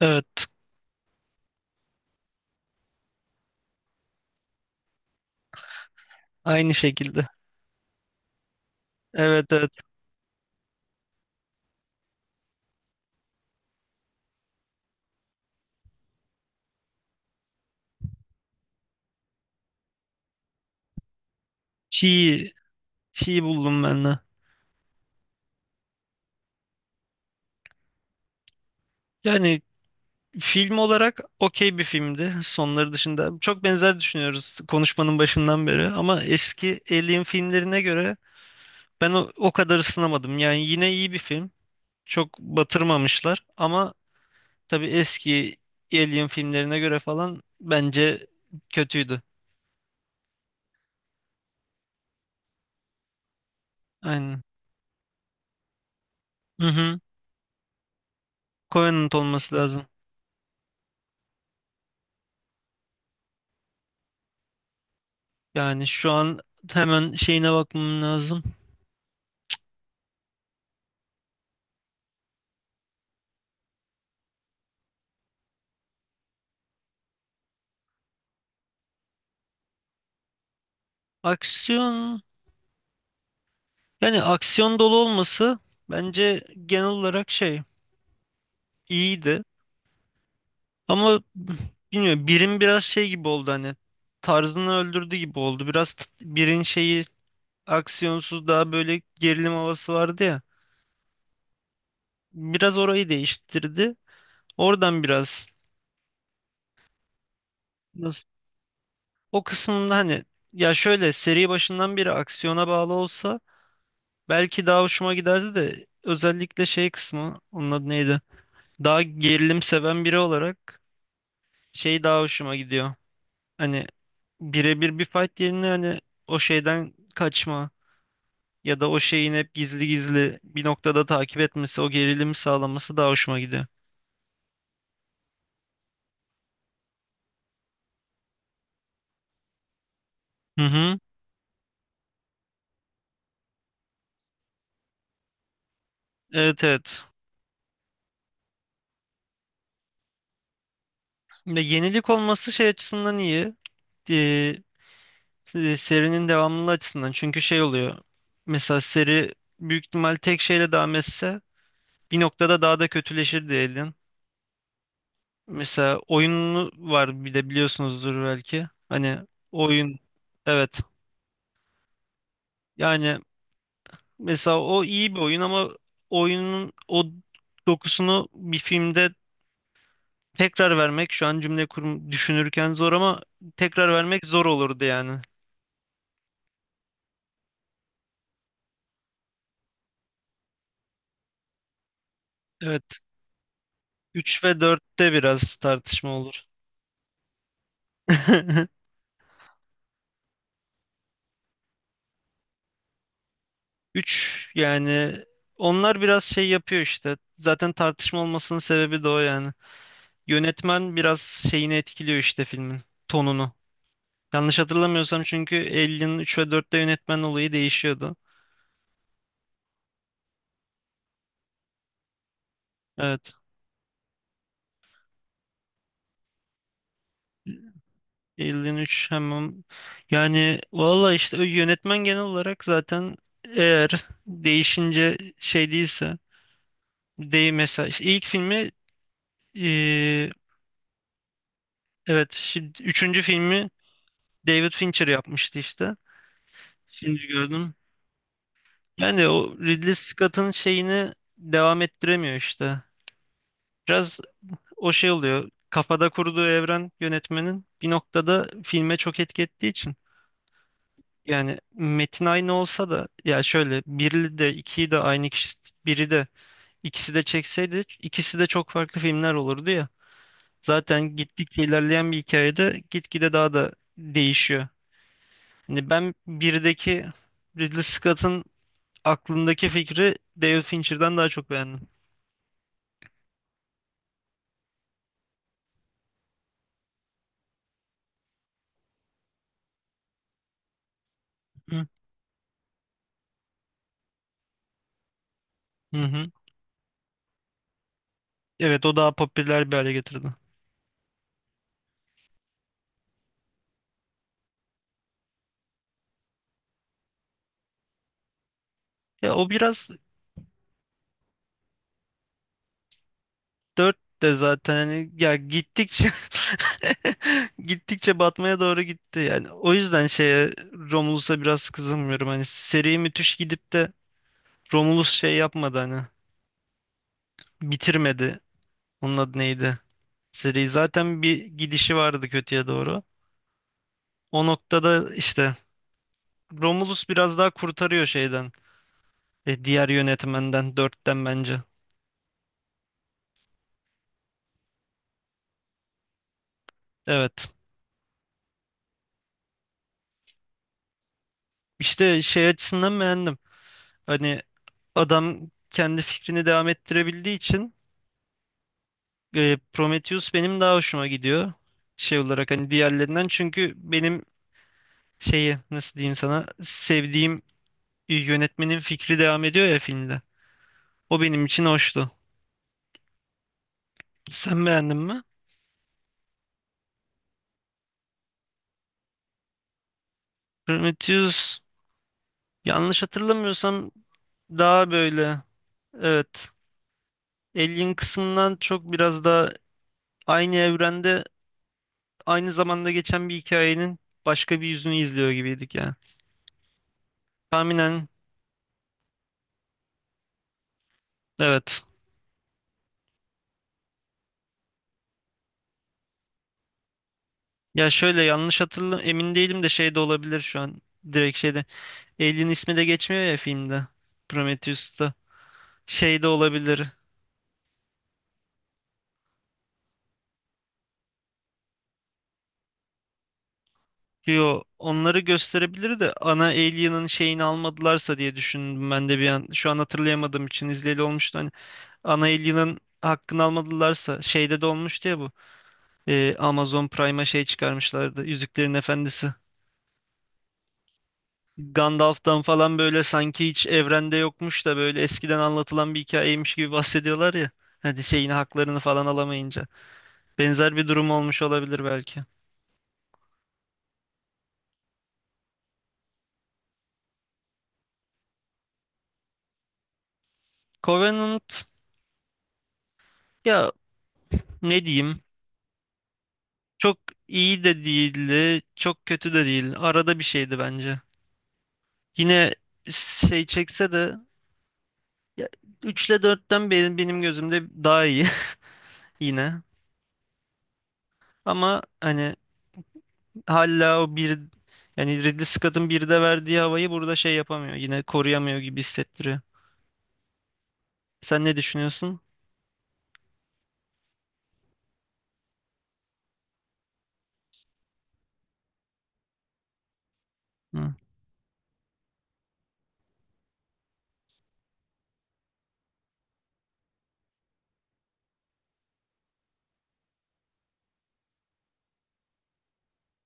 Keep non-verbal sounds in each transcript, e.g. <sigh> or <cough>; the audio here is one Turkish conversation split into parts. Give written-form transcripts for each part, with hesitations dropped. Evet, aynı şekilde. Evet evet. Çiğ, çiğ buldum ben de. Yani film olarak okey bir filmdi. Sonları dışında çok benzer düşünüyoruz konuşmanın başından beri. Ama eski Alien filmlerine göre ben o kadar ısınamadım. Yani yine iyi bir film. Çok batırmamışlar. Ama tabii eski Alien filmlerine göre falan bence kötüydü. Aynen. Hı hı. Covenant olması lazım. Yani şu an hemen şeyine bakmam lazım. Aksiyon yani aksiyon dolu olması bence genel olarak şey iyiydi. Ama bilmiyorum birin biraz şey gibi oldu hani tarzını öldürdü gibi oldu. Biraz birin şeyi aksiyonsuz daha böyle gerilim havası vardı ya. Biraz orayı değiştirdi. Oradan biraz nasıl o kısmında hani ya şöyle seri başından beri aksiyona bağlı olsa belki daha hoşuma giderdi de özellikle şey kısmı onun adı neydi? Daha gerilim seven biri olarak şey daha hoşuma gidiyor. Hani birebir bir fight yerine hani o şeyden kaçma ya da o şeyin hep gizli gizli bir noktada takip etmesi, o gerilimi sağlaması daha hoşuma gidiyor. Hı hı. Evet evet. Ya yenilik olması şey açısından iyi. Ee, Serinin devamlılığı açısından. Çünkü şey oluyor. Mesela seri büyük ihtimal tek şeyle devam etse bir noktada daha da kötüleşir diyelim. Mesela oyunu var bir de biliyorsunuzdur belki. Hani oyun evet. Yani mesela o iyi bir oyun ama oyunun o dokusunu bir filmde tekrar vermek şu an cümle kurum düşünürken zor ama tekrar vermek zor olurdu yani. Evet. 3 ve dörtte biraz tartışma olur. <laughs> Üç yani onlar biraz şey yapıyor işte. Zaten tartışma olmasının sebebi de o yani. Yönetmen biraz şeyini etkiliyor işte filmin tonunu. Yanlış hatırlamıyorsam çünkü Alien'ın 3 ve dörtte yönetmen olayı değişiyordu. Evet. 53 hemen yani valla işte o yönetmen genel olarak zaten eğer değişince şey değilse değil mesela işte ilk filmi eee, evet şimdi üçüncü filmi David Fincher yapmıştı işte şimdi gördüm yani o Ridley Scott'ın şeyini devam ettiremiyor işte biraz o şey oluyor kafada kurduğu evren yönetmenin bir noktada filme çok etki ettiği için. Yani metin aynı olsa da ya şöyle biri de ikiyi de aynı kişi biri de ikisi de çekseydi ikisi de çok farklı filmler olurdu ya. Zaten gittikçe ilerleyen bir hikayede gitgide daha da değişiyor. Hani ben birdeki Ridley Scott'ın aklındaki fikri David Fincher'dan daha çok beğendim. Hı hı. Hı. Evet, o daha popüler bir hale getirdi. Ya o biraz dört de zaten hani ya gittikçe <laughs> gittikçe batmaya doğru gitti yani. O yüzden şeye Romulus'a biraz kızılmıyorum. Hani seri müthiş gidip de Romulus şey yapmadı hani bitirmedi. Onun adı neydi? Seri zaten bir gidişi vardı kötüye doğru. O noktada işte Romulus biraz daha kurtarıyor şeyden. Diğer yönetmenden dörtten bence. Evet. İşte şey açısından beğendim. Hani adam kendi fikrini devam ettirebildiği için. Prometheus benim daha hoşuma gidiyor şey olarak hani diğerlerinden çünkü benim şeyi nasıl diyeyim sana sevdiğim yönetmenin fikri devam ediyor ya filmde. O benim için hoştu. Sen beğendin mi? Prometheus yanlış hatırlamıyorsam daha böyle evet Alien kısmından çok biraz daha aynı evrende aynı zamanda geçen bir hikayenin başka bir yüzünü izliyor gibiydik yani. Tahminen evet. Ya şöyle yanlış emin değilim de şey de olabilir şu an. Direkt şeyde. Alien ismi de geçmiyor ya filmde. Prometheus'ta. Şey de olabilir. Yo, onları gösterebilir de ana Alien'ın şeyini almadılarsa diye düşündüm ben de bir an. Şu an hatırlayamadığım için izleyeli olmuştu. Hani ana Alien'ın hakkını almadılarsa şeyde de olmuştu ya bu. Amazon Prime'a şey çıkarmışlardı. Yüzüklerin Efendisi. Gandalf'tan falan böyle sanki hiç evrende yokmuş da böyle eskiden anlatılan bir hikayeymiş gibi bahsediyorlar ya. Hani şeyini haklarını falan alamayınca. Benzer bir durum olmuş olabilir belki. Covenant ya ne diyeyim? Çok iyi de değildi, çok kötü de değil. Arada bir şeydi bence. Yine şey çekse de ya, 3 ile 4'ten benim gözümde daha iyi <laughs> yine. Ama hani hala o bir yani Ridley Scott'ın bir de verdiği havayı burada şey yapamıyor. Yine koruyamıyor gibi hissettiriyor. Sen ne düşünüyorsun? Hı.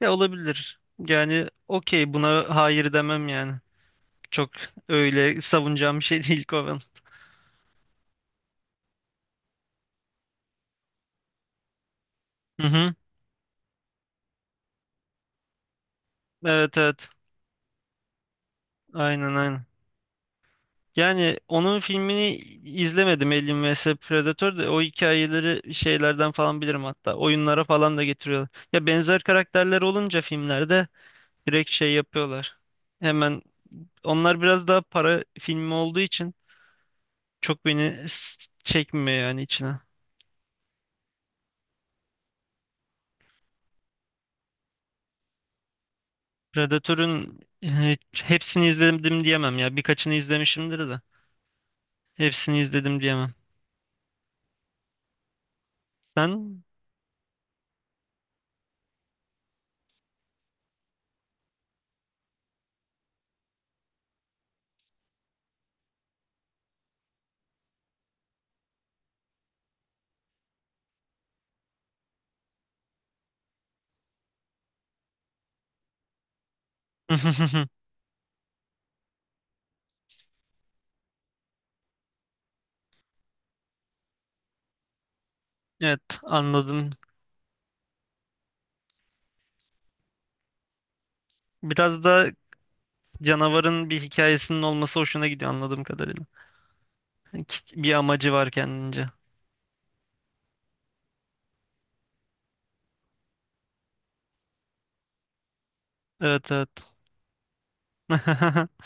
Ya olabilir. Yani okey buna hayır demem yani. Çok öyle savunacağım bir şey <laughs> değil Coven. Hı hı. Evet evet. Aynen aynen. Yani onun filmini izlemedim Alien vs Predator da o hikayeleri şeylerden falan bilirim hatta. Oyunlara falan da getiriyorlar. Ya benzer karakterler olunca filmlerde direkt şey yapıyorlar. Hemen onlar biraz daha para filmi olduğu için çok beni çekmiyor yani içine. Predator'un hepsini izledim diyemem ya. Birkaçını izlemişimdir de. Hepsini izledim diyemem. Ben <laughs> evet anladım. Biraz da canavarın bir hikayesinin olması hoşuna gidiyor anladığım kadarıyla. Yani bir amacı var kendince. Evet evet. <laughs>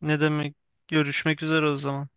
Ne demek? Görüşmek üzere o zaman.